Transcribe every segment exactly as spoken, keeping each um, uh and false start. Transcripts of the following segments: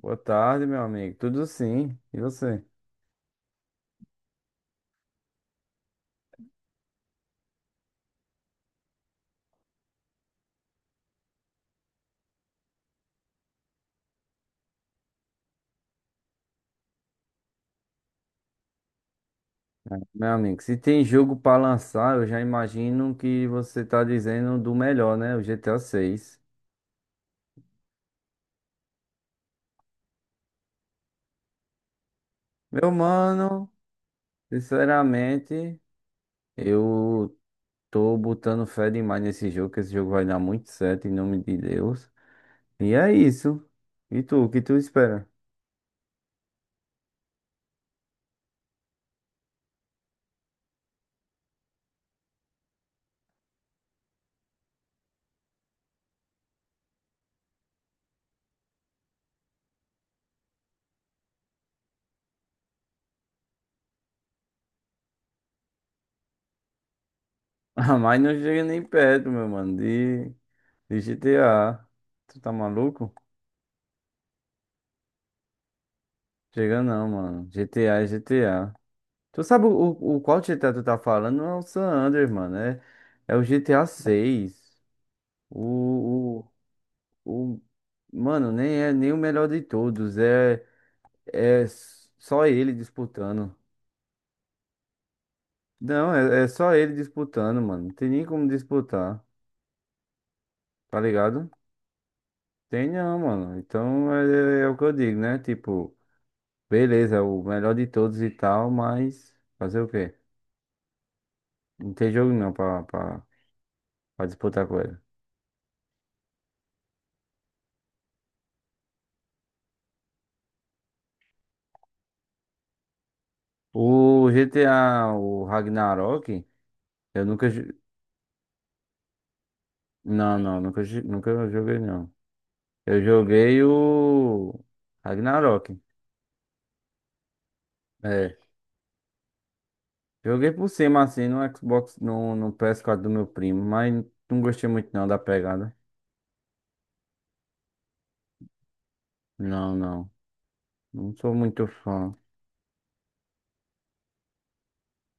Boa tarde, meu amigo. Tudo sim. E você? Meu amigo, se tem jogo pra lançar, eu já imagino que você tá dizendo do melhor, né? O G T A seis. Meu mano, sinceramente, eu tô botando fé demais nesse jogo, que esse jogo vai dar muito certo, em nome de Deus. E é isso. E tu, o que tu espera? Ah, mas não chega nem perto, meu mano, de, de G T A. Tu tá maluco? Chega não, mano. G T A é G T A. Tu sabe o, o o qual G T A tu tá falando? Não é o San Andreas, mano. É, é o G T A seis. O, o, o- Mano, nem é nem o melhor de todos. É, é s- só ele disputando. Não, é, é só ele disputando, mano. Não tem nem como disputar, tá ligado? Tem não, mano. Então é, é é o que eu digo, né? Tipo, beleza, é o melhor de todos e tal, mas fazer o quê? Não tem jogo não pra, pra, pra disputar com ele. O G T A, o Ragnarok, eu nunca. Jo- Não, não, nunca, jo- nunca joguei, não. Eu joguei o Ragnarok. É. Joguei por cima, assim, no Xbox, no, no P S quatro do meu primo, mas não gostei muito, não, da pegada. Não, não. Não sou muito fã.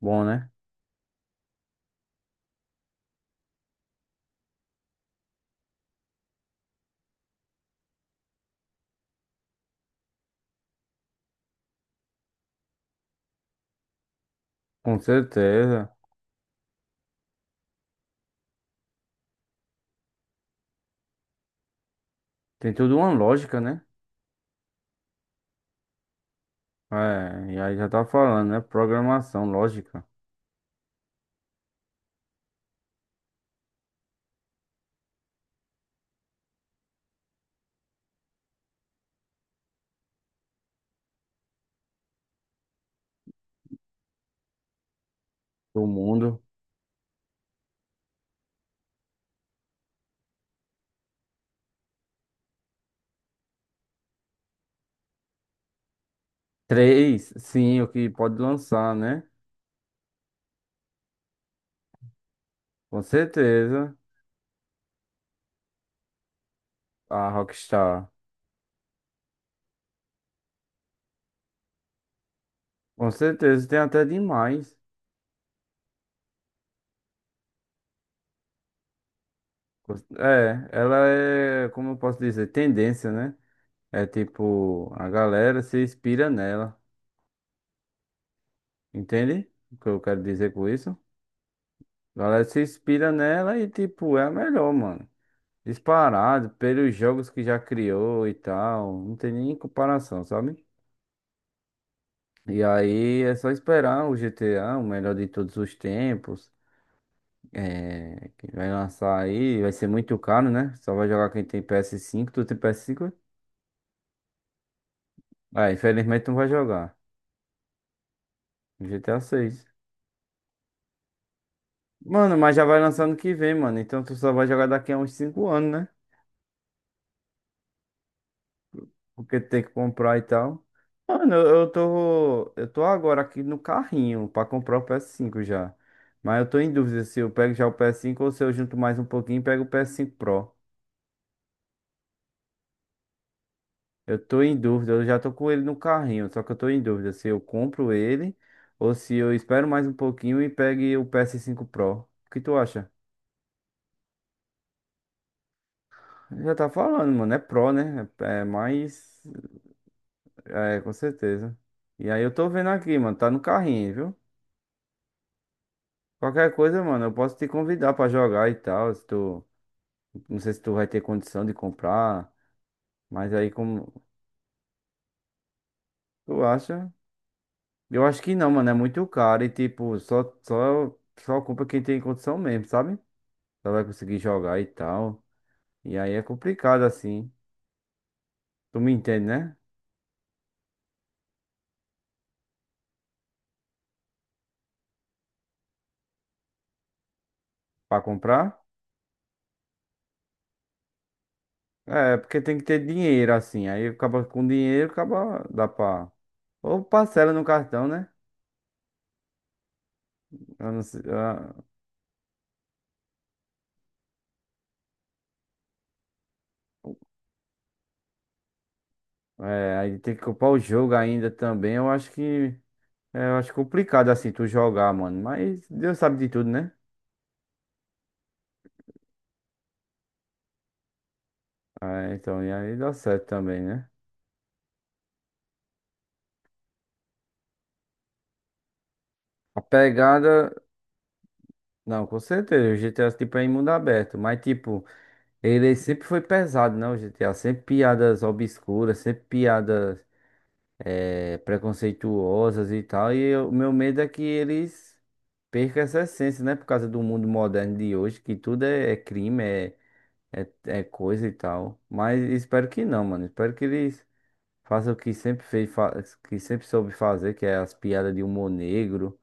Bom, né? Com certeza. Tem tudo uma lógica, né? É, e aí já tá falando, né? Programação, lógica do mundo. Três, sim, o que pode lançar, né? Com certeza, a Rockstar. Com certeza, tem até demais. É, ela é, como eu posso dizer, tendência, né? É tipo, a galera se inspira nela, entende? O que eu quero dizer com isso? A galera se inspira nela e, tipo, é a melhor, mano. Disparado pelos jogos que já criou e tal. Não tem nem comparação, sabe? E aí é só esperar o G T A, o melhor de todos os tempos. É, que vai lançar aí, vai ser muito caro, né? Só vai jogar quem tem P S cinco, tu tem P S cinco? Ah, infelizmente tu não vai jogar. G T A seis. Mano, mas já vai lançar ano que vem, mano. Então tu só vai jogar daqui a uns cinco anos, né? Porque tem que comprar e tal. Mano, eu, eu tô. Eu tô agora aqui no carrinho pra comprar o P S cinco já. Mas eu tô em dúvida se eu pego já o P S cinco ou se eu junto mais um pouquinho e pego o P S cinco Pro. Eu tô em dúvida, eu já tô com ele no carrinho, só que eu tô em dúvida se eu compro ele ou se eu espero mais um pouquinho e pegue o P S cinco Pro. O que tu acha? Já tá falando, mano, é Pro, né? É é mais. É, com certeza. E aí eu tô vendo aqui, mano, tá no carrinho, viu? Qualquer coisa, mano, eu posso te convidar pra jogar e tal, se tu... Não sei se tu vai ter condição de comprar, mas aí como... Tu acha? Eu acho que não, mano, é muito caro e, tipo, só, só, só compra quem tem condição mesmo, sabe? Só vai conseguir jogar e tal. E aí é complicado assim. Tu me entende, né? Pra comprar? É, porque tem que ter dinheiro assim. Aí acaba com dinheiro, acaba dá pra. Ou parcela no cartão, né? Eu não sei, ah, é, aí tem que comprar o jogo ainda também. Eu acho que. É, eu acho complicado assim tu jogar, mano. Mas Deus sabe de tudo, né? É, então, e aí dá certo também, né? A pegada. Não, com certeza. O G T A tipo é em mundo aberto. Mas tipo. Ele sempre foi pesado, né? O G T A, sempre piadas obscuras, sempre piadas eh, preconceituosas e tal. E eu- o meu medo é que eles percam essa essência, né? Por causa do mundo moderno de hoje, que tudo é, é crime, é, é, é coisa e tal. Mas espero que não, mano. Espero que eles façam o que sempre fez, fa- que sempre soube fazer, que é as piadas de humor negro,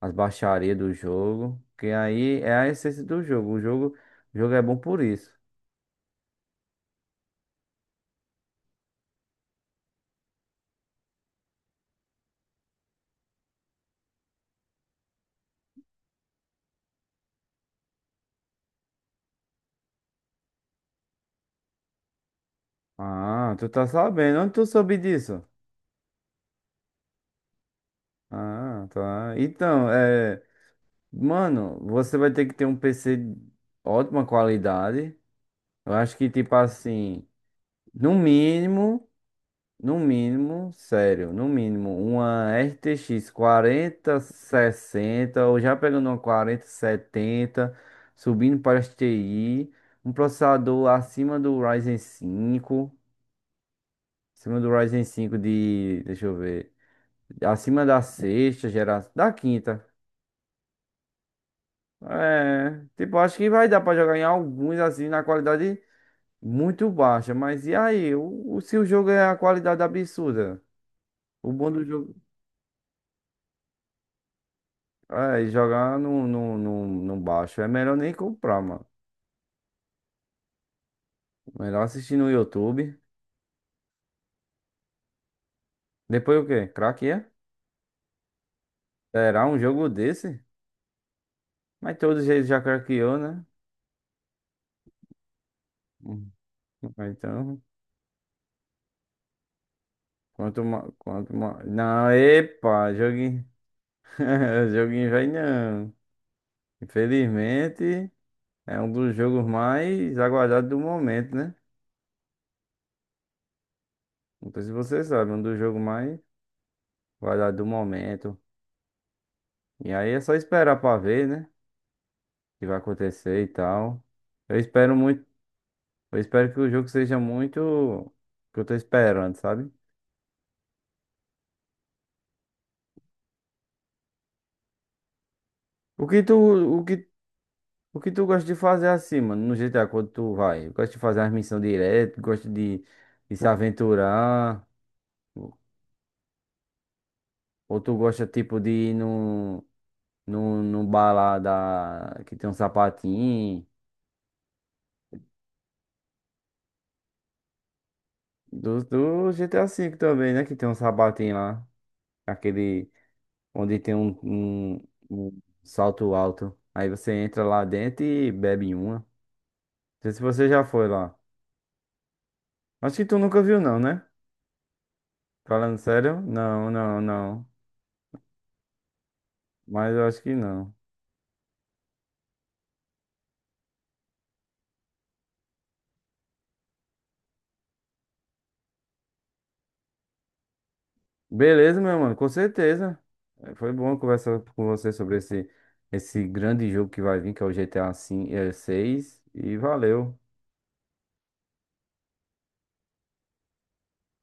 as baixarias do jogo. Que aí é a essência do jogo. O jogo, o jogo é bom por isso. Ah, tu tá sabendo. Onde tu soube disso? Ah, tá. Então, é. Mano, você vai ter que ter um P C de ótima qualidade. Eu acho que, tipo assim, no mínimo, no mínimo, sério, no mínimo, uma R T X sessenta ou já pegando uma quarenta setenta, subindo para as T I, um processador acima do Ryzen cinco, acima do Ryzen cinco de, deixa eu ver. Acima da sexta geração. Da quinta. É. Tipo, acho que vai dar pra jogar em alguns assim na qualidade muito baixa. Mas e aí? O, o- se o jogo é a qualidade absurda? O bom do jogo. É, e jogar no, no, no, no baixo. É melhor nem comprar, mano. Melhor assistir no YouTube. Depois o quê? Craqueia? Será um jogo desse? Mas todos eles já craqueou, né? Hum. Então, quanto mais. Quanto ma... Não, epa, joguinho. Joguinho vai não. Infelizmente, é um dos jogos mais aguardados do momento, né? Não sei se você sabe, um dos jogos mais aguardados do momento. E aí é só esperar pra ver, né? O que vai acontecer e tal. Eu espero muito, eu espero que o jogo seja muito o que eu tô esperando, sabe? O que tu, o que, o que tu gosta de fazer assim, mano, no G T A quando tu vai? Gosta de fazer as missões direto, gosta de, de se aventurar, ou tu gosta tipo de ir num no, no bar lá da, que tem um sapatinho. Do, do G T G T A V também, né? Que tem um sapatinho lá. Aquele onde tem um, um, um salto alto. Aí você entra lá dentro e bebe uma. Não sei se você já foi lá. Acho que tu nunca viu, não, né? Falando sério? Não, não, não. Mas eu acho que não. Beleza, meu mano, com certeza. Eh, Foi bom conversar com você sobre esse, esse grande jogo que vai vir, que é o G T G T A V, seis E valeu.